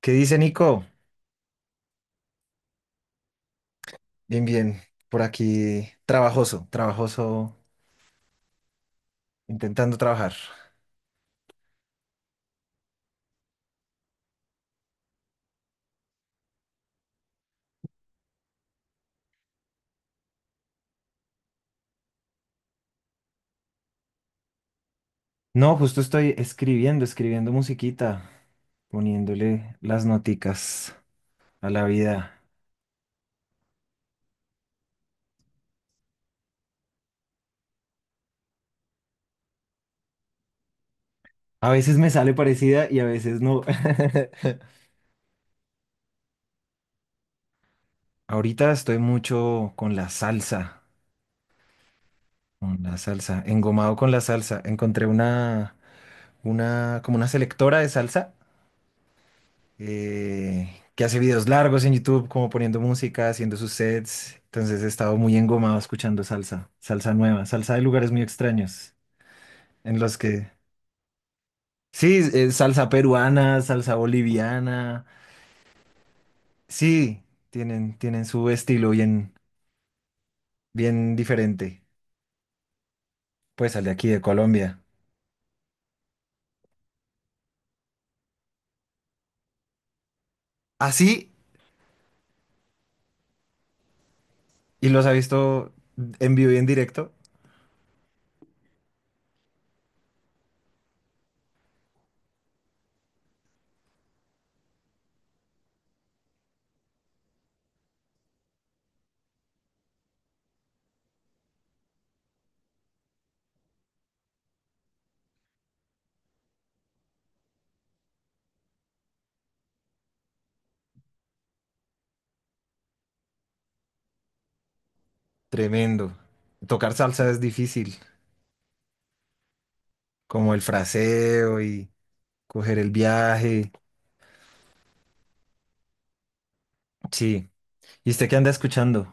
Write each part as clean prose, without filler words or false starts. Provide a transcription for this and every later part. ¿Qué dice Nico? Bien, bien. Por aquí, trabajoso, trabajoso, intentando trabajar. No, justo estoy escribiendo, musiquita, poniéndole las noticas a la vida. A veces me sale parecida y a veces no. Ahorita estoy mucho con la salsa, engomado con la salsa. Encontré una, como una selectora de salsa que hace videos largos en YouTube, como poniendo música, haciendo sus sets. Entonces he estado muy engomado escuchando salsa, salsa nueva, salsa de lugares muy extraños, en los que... Sí, salsa peruana, salsa boliviana. Sí, tienen su estilo bien, bien diferente, pues al de aquí de Colombia. Así, y los ha visto en vivo y en directo, tremendo. Tocar salsa es difícil, como el fraseo y coger el viaje. Sí, ¿y usted qué anda escuchando?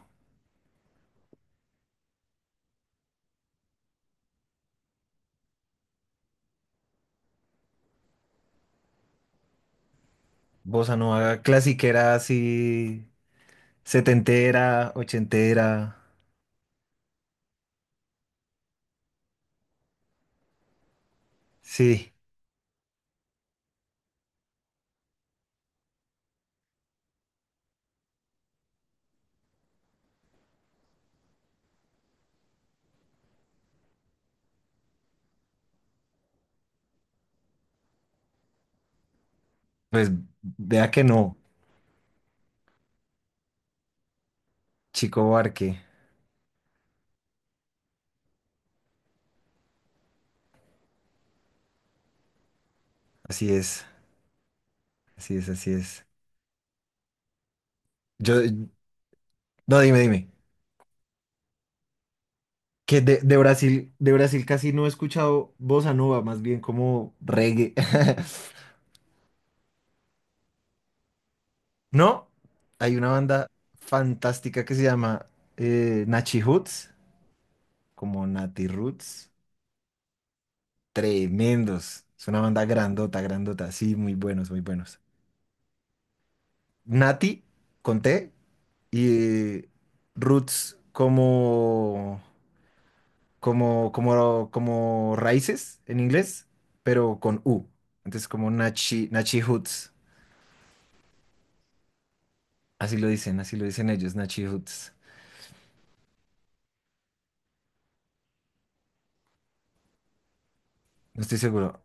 Bossa nova clasiquera, así, setentera, ochentera. Sí, pues vea que no, Chico Barque. Así es, así es, así es. Yo, no, dime, dime. Que de Brasil casi no he escuchado bossa nova, más bien como reggae. No, hay una banda fantástica que se llama Nachi Hoods, como Nati Roots. Tremendos. Es una banda grandota, grandota. Sí, muy buenos, muy buenos. Nati, con T, y Roots como raíces en inglés, pero con U. Entonces, como Nachi, Nachi Hoots. Así lo dicen ellos, Nachi Hoots. No estoy seguro.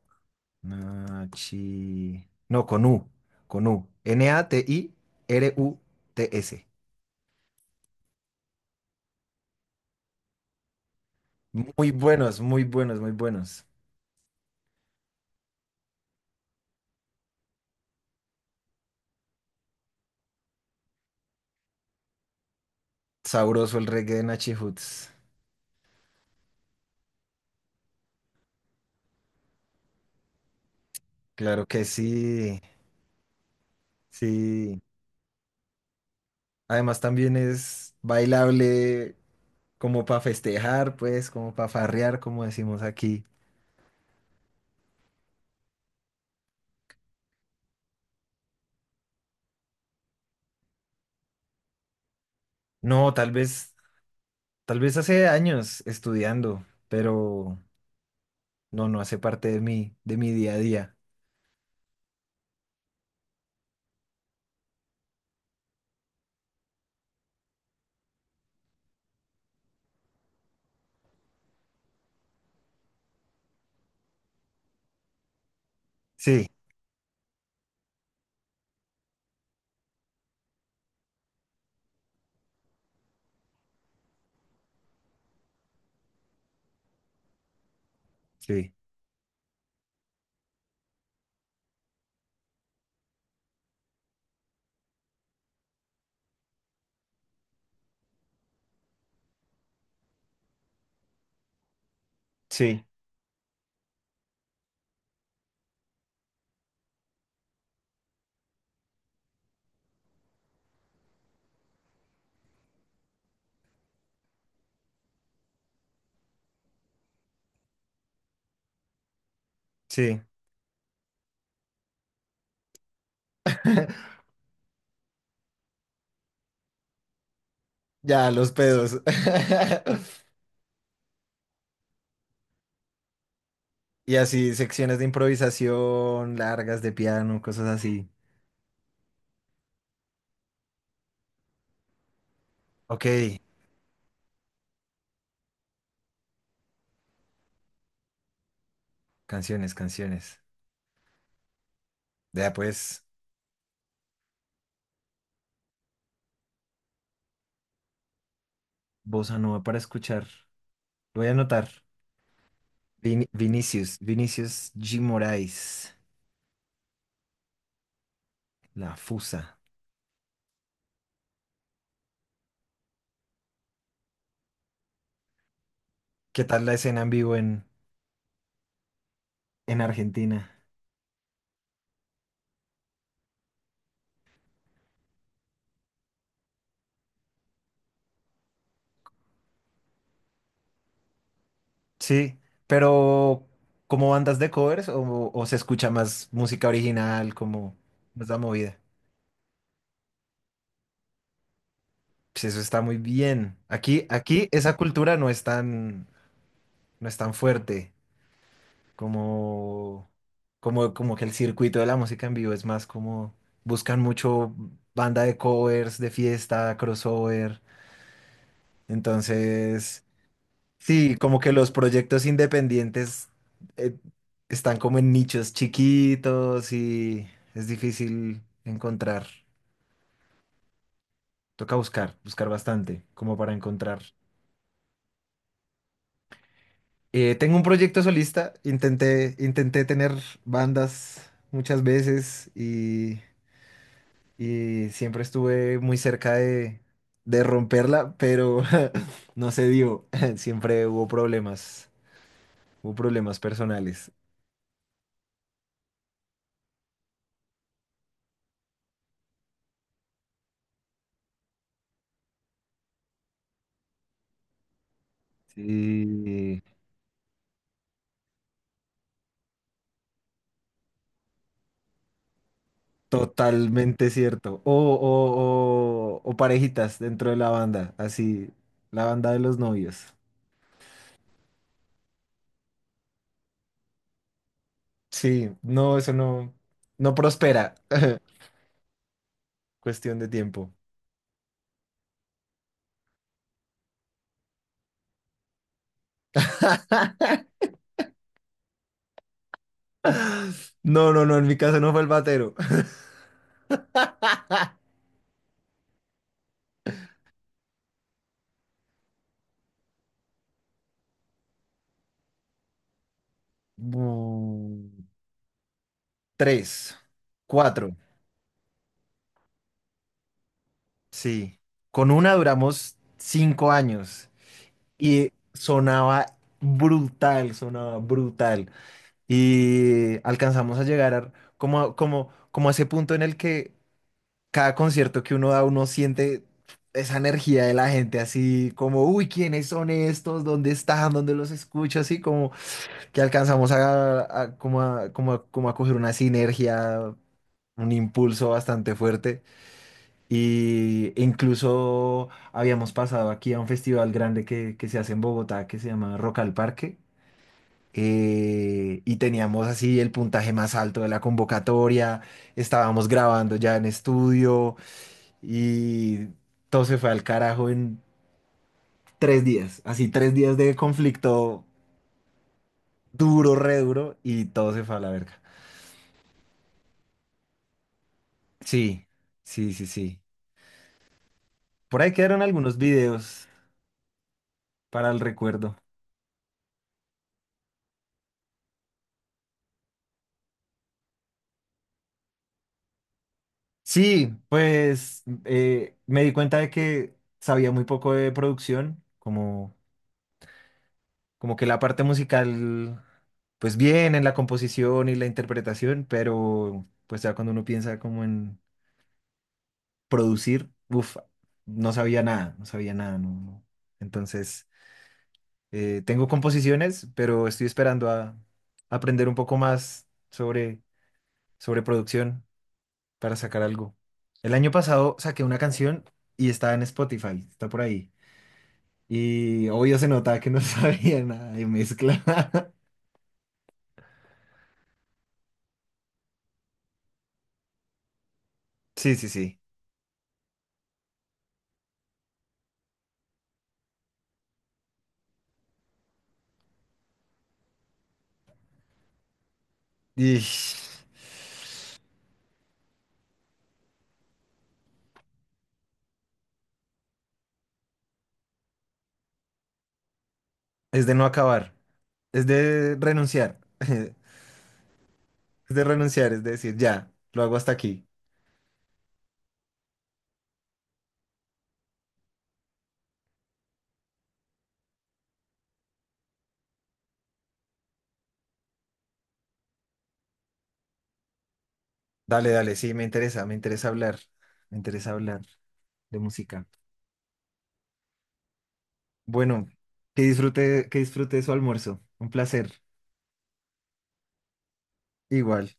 Nachi. No, con U. Natiruts. Muy buenos, muy buenos, muy buenos. Sabroso el reggae de Nachi Hoods. Claro que sí, sí. Además también es bailable como para festejar, pues, como para farrear, como decimos aquí. No, tal vez hace años estudiando, pero no, no hace parte de de mi día a día. Sí, sí, sí, sí. Ya, los pedos. Y así, secciones de improvisación, largas de piano, cosas así. Ok, canciones, canciones. Vea pues, bossa nova para escuchar. Lo voy a anotar. Vinicius, Vinicius G. Moraes, La Fusa. ¿Qué tal la escena en vivo en Argentina? Sí, pero ¿como bandas de covers o se escucha más música original, como más la movida? Pues eso está muy bien. Aquí, aquí esa cultura no es tan, no es tan fuerte. como, como que el circuito de la música en vivo es más como buscan mucho banda de covers, de fiesta, crossover. Entonces, sí, como que los proyectos independientes eh, están como en nichos chiquitos y es difícil encontrar. Toca buscar, buscar bastante, como para encontrar. Tengo un proyecto solista, intenté, intenté tener bandas muchas veces y siempre estuve muy cerca de romperla, pero no se dio. Siempre hubo problemas personales. Sí, totalmente cierto. O parejitas dentro de la banda, así, la banda de los novios. Sí, no, eso no, no prospera. Cuestión de tiempo. No, no, no, en mi caso no fue el batero. Mm, tres, cuatro. Sí, con una duramos 5 años y sonaba brutal, sonaba brutal. Y alcanzamos a llegar como a ese punto en el que cada concierto que uno da, uno siente esa energía de la gente, así como, uy, ¿quiénes son estos? ¿Dónde están? ¿Dónde los escucho? Así como que alcanzamos como a coger una sinergia, un impulso bastante fuerte. Y e incluso habíamos pasado aquí a un festival grande que se hace en Bogotá que se llama Rock al Parque. Eh, y teníamos así el puntaje más alto de la convocatoria. Estábamos grabando ya en estudio y todo se fue al carajo en 3 días. Así 3 días de conflicto duro, re duro y todo se fue a la verga. Sí, sí, sí, sí. Por ahí quedaron algunos videos para el recuerdo. Sí, pues me di cuenta de que sabía muy poco de producción, como, como que la parte musical, pues bien en la composición y la interpretación, pero pues ya cuando uno piensa como en producir, uff, no sabía nada, no sabía nada, no, no. Entonces, tengo composiciones, pero estoy esperando a aprender un poco más sobre producción, para sacar algo. El año pasado saqué una canción y está en Spotify, está por ahí. Y obvio se notaba que no sabía nada de mezcla. Sí, sí, sí. Y es de no acabar, es de renunciar, es de renunciar, es de decir, ya, lo hago hasta aquí. Dale, dale, sí, me interesa hablar de música. Bueno, que disfrute su almuerzo. Un placer. Igual.